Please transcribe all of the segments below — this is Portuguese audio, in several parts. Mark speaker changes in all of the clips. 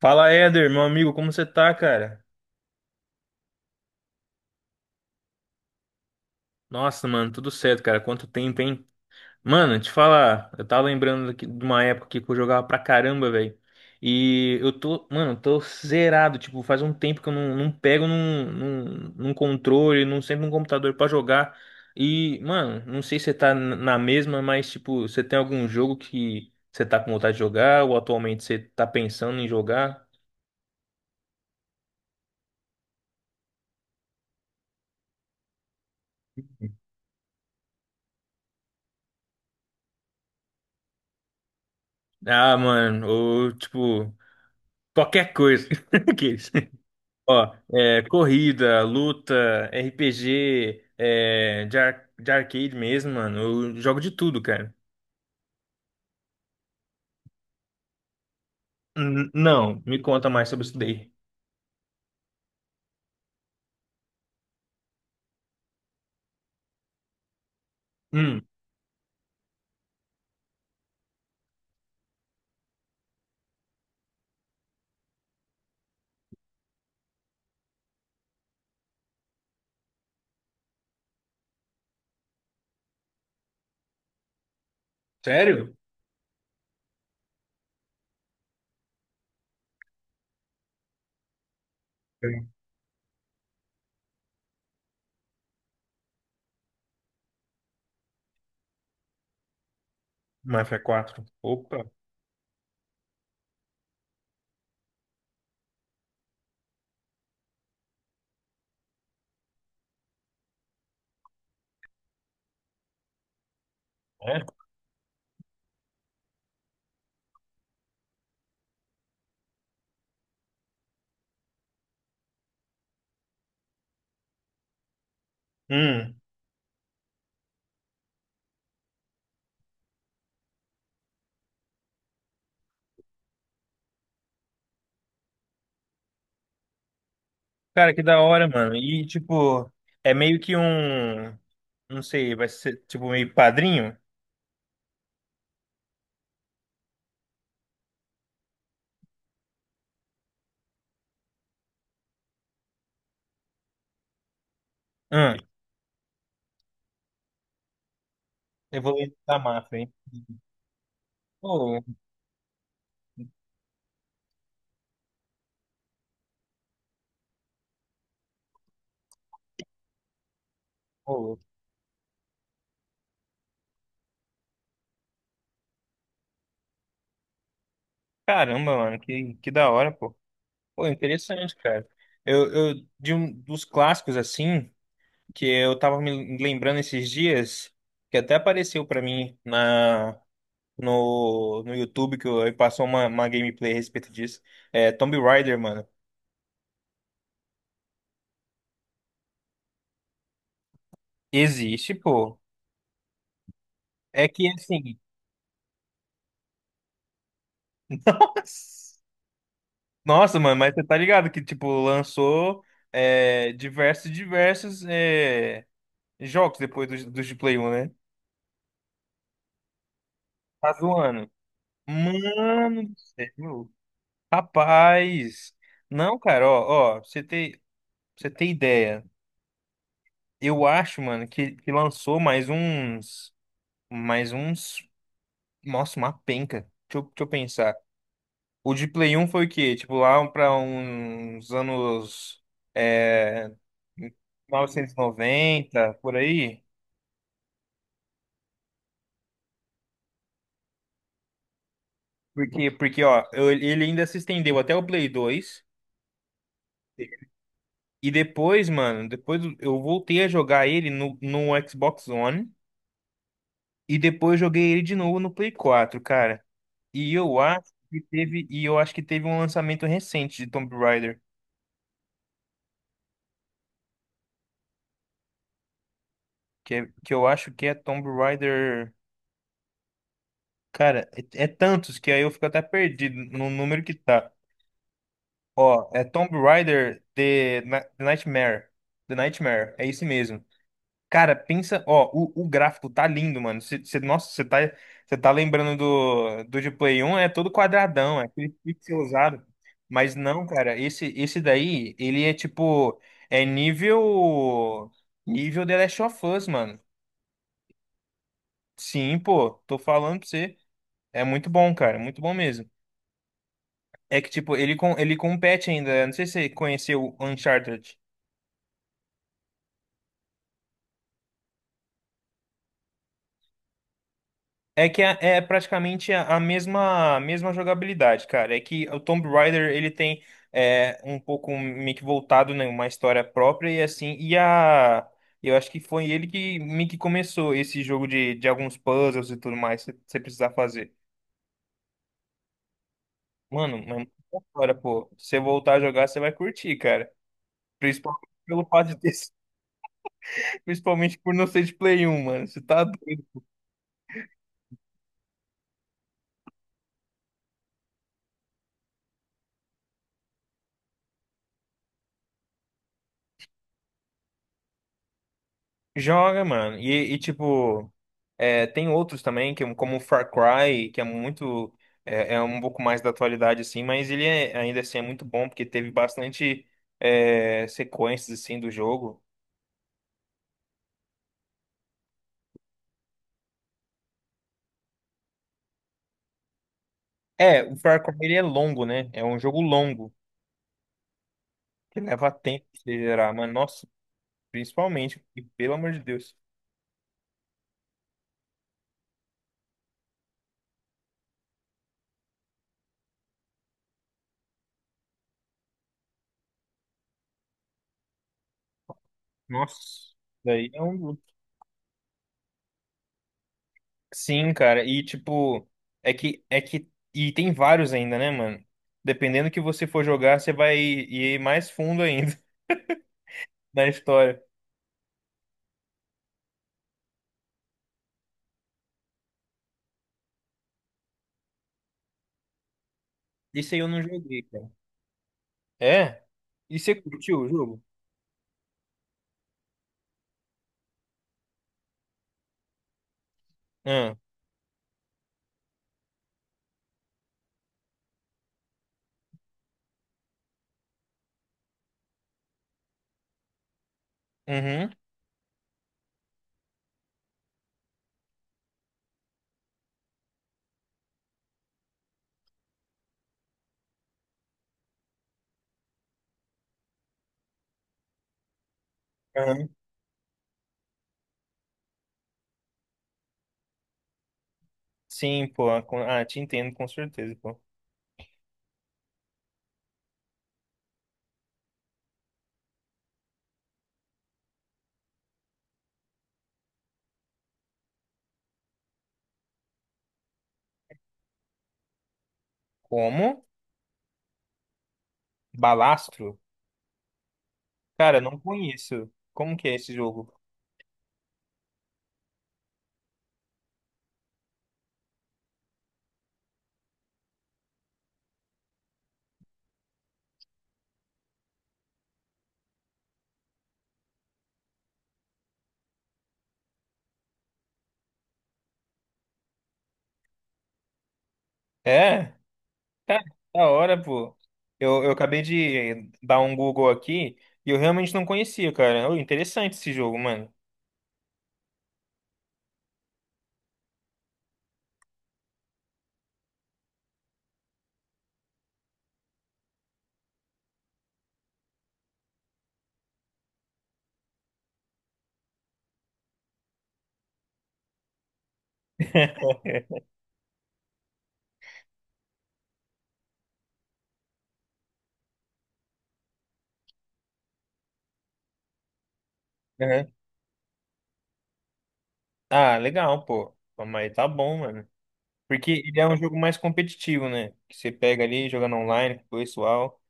Speaker 1: Fala, Éder, meu amigo, como você tá, cara? Nossa, mano, tudo certo, cara. Quanto tempo, hein? Mano, te falar, eu tava lembrando aqui de uma época que eu jogava pra caramba, velho. E eu tô, mano, tô zerado. Tipo, faz um tempo que eu não pego num controle, não sempre num computador pra jogar. E, mano, não sei se você tá na mesma, mas, tipo, você tem algum jogo que você tá com vontade de jogar ou atualmente você tá pensando em jogar? Ah, mano, ou, tipo, qualquer coisa. Aqueles. Ó, é, corrida, luta, RPG, é, de arcade mesmo, mano. Eu jogo de tudo, cara. Não, me conta mais sobre isso daí. Hum, sério? Sim. Mafia 4. Opa. É? Hum, cara, que da hora, mano. E, tipo, é meio que um. Não sei, vai ser tipo meio padrinho? Hum, eu vou ler da máfia, hein? Ô, ô, caramba, mano, que da hora, pô. Pô, interessante, cara. Eu de um dos clássicos assim que eu tava me lembrando esses dias, que até apareceu pra mim na no YouTube que eu, aí passou uma gameplay a respeito disso. É Tomb Raider, mano. Existe, pô. É que assim, nossa, nossa, mano, mas você tá ligado que tipo lançou é, diversos diversos é, jogos depois dos de Play 1, né? Tá zoando. Mano do céu. Rapaz, não, cara, ó, ó, pra você ter ideia, eu acho, mano, que lançou mais uns, nossa, uma penca, deixa eu pensar, o de Play um foi o quê? Tipo, lá pra uns anos, é, 1990 por aí, porque, porque, ó, ele ainda se estendeu até o Play 2 e depois, mano, depois eu voltei a jogar ele no, no Xbox One. E depois joguei ele de novo no Play 4, cara. E eu acho que teve, e eu acho que teve um lançamento recente de Tomb Raider, que, é, que eu acho que é Tomb Raider. Cara, é, é tantos que aí eu fico até perdido no número que tá. Ó, é Tomb Raider The Nightmare. The Nightmare, é isso mesmo. Cara, pensa, ó, o gráfico tá lindo, mano. Nossa, você tá lembrando do, do de Play 1, é todo quadradão, é aquele pixelizado. Mas não, cara, esse daí, ele é tipo, é nível, nível The Last of Us, mano. Sim, pô, tô falando pra você. É muito bom, cara, muito bom mesmo. É que, tipo, ele compete ainda. Eu não sei se você conheceu o Uncharted. É que é, é praticamente a mesma, mesma jogabilidade, cara. É que o Tomb Raider ele tem é, um pouco meio que voltado né, uma história própria e assim. E a eu acho que foi ele que meio que começou esse jogo de alguns puzzles e tudo mais que você precisar fazer. Mano, mas é muita história, pô. Se você voltar a jogar, você vai curtir, cara. Principalmente pelo fato de ter, principalmente por não ser de Play 1, mano. Você tá. Joga, mano. E, tipo, é, tem outros também, que, como o Far Cry, que é muito. É, é um pouco mais da atualidade, assim, mas ele é, ainda assim é muito bom, porque teve bastante é, sequências, assim, do jogo. É, o Far Cry ele é longo, né? É um jogo longo, que leva tempo de gerar, mas nossa, principalmente, e, pelo amor de Deus. Nossa, daí é um. Sim, cara, e tipo, é que e tem vários ainda, né, mano? Dependendo que você for jogar, você vai ir mais fundo ainda na história. Isso aí eu não joguei, cara. É? E você curtiu o jogo? Ah, uhum, aham. Sim, pô. Com- Ah, te entendo com certeza, pô. Como? Balastro? Cara, não conheço. Como que é esse jogo? É? Tá, da hora, pô. Eu acabei de dar um Google aqui e eu realmente não conhecia, cara. Ô, interessante esse jogo, mano. Uhum. Ah, legal, pô. Pô, mas tá bom, mano. Porque ele é um jogo mais competitivo, né? Que você pega ali, jogando online com o pessoal.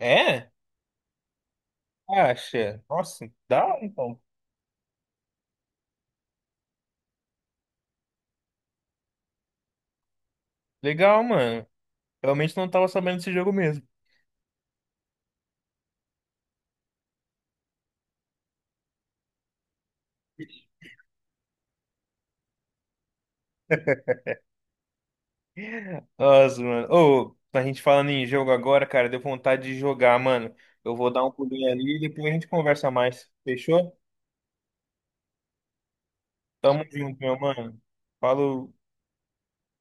Speaker 1: É? Acha? Nossa, dá então. Legal, mano. Realmente não tava sabendo desse jogo mesmo. Nossa, mano. Ô, a gente falando em jogo agora, cara, deu vontade de jogar, mano. Eu vou dar um pulinho ali e depois a gente conversa mais. Fechou? Tamo junto, meu mano. Falou.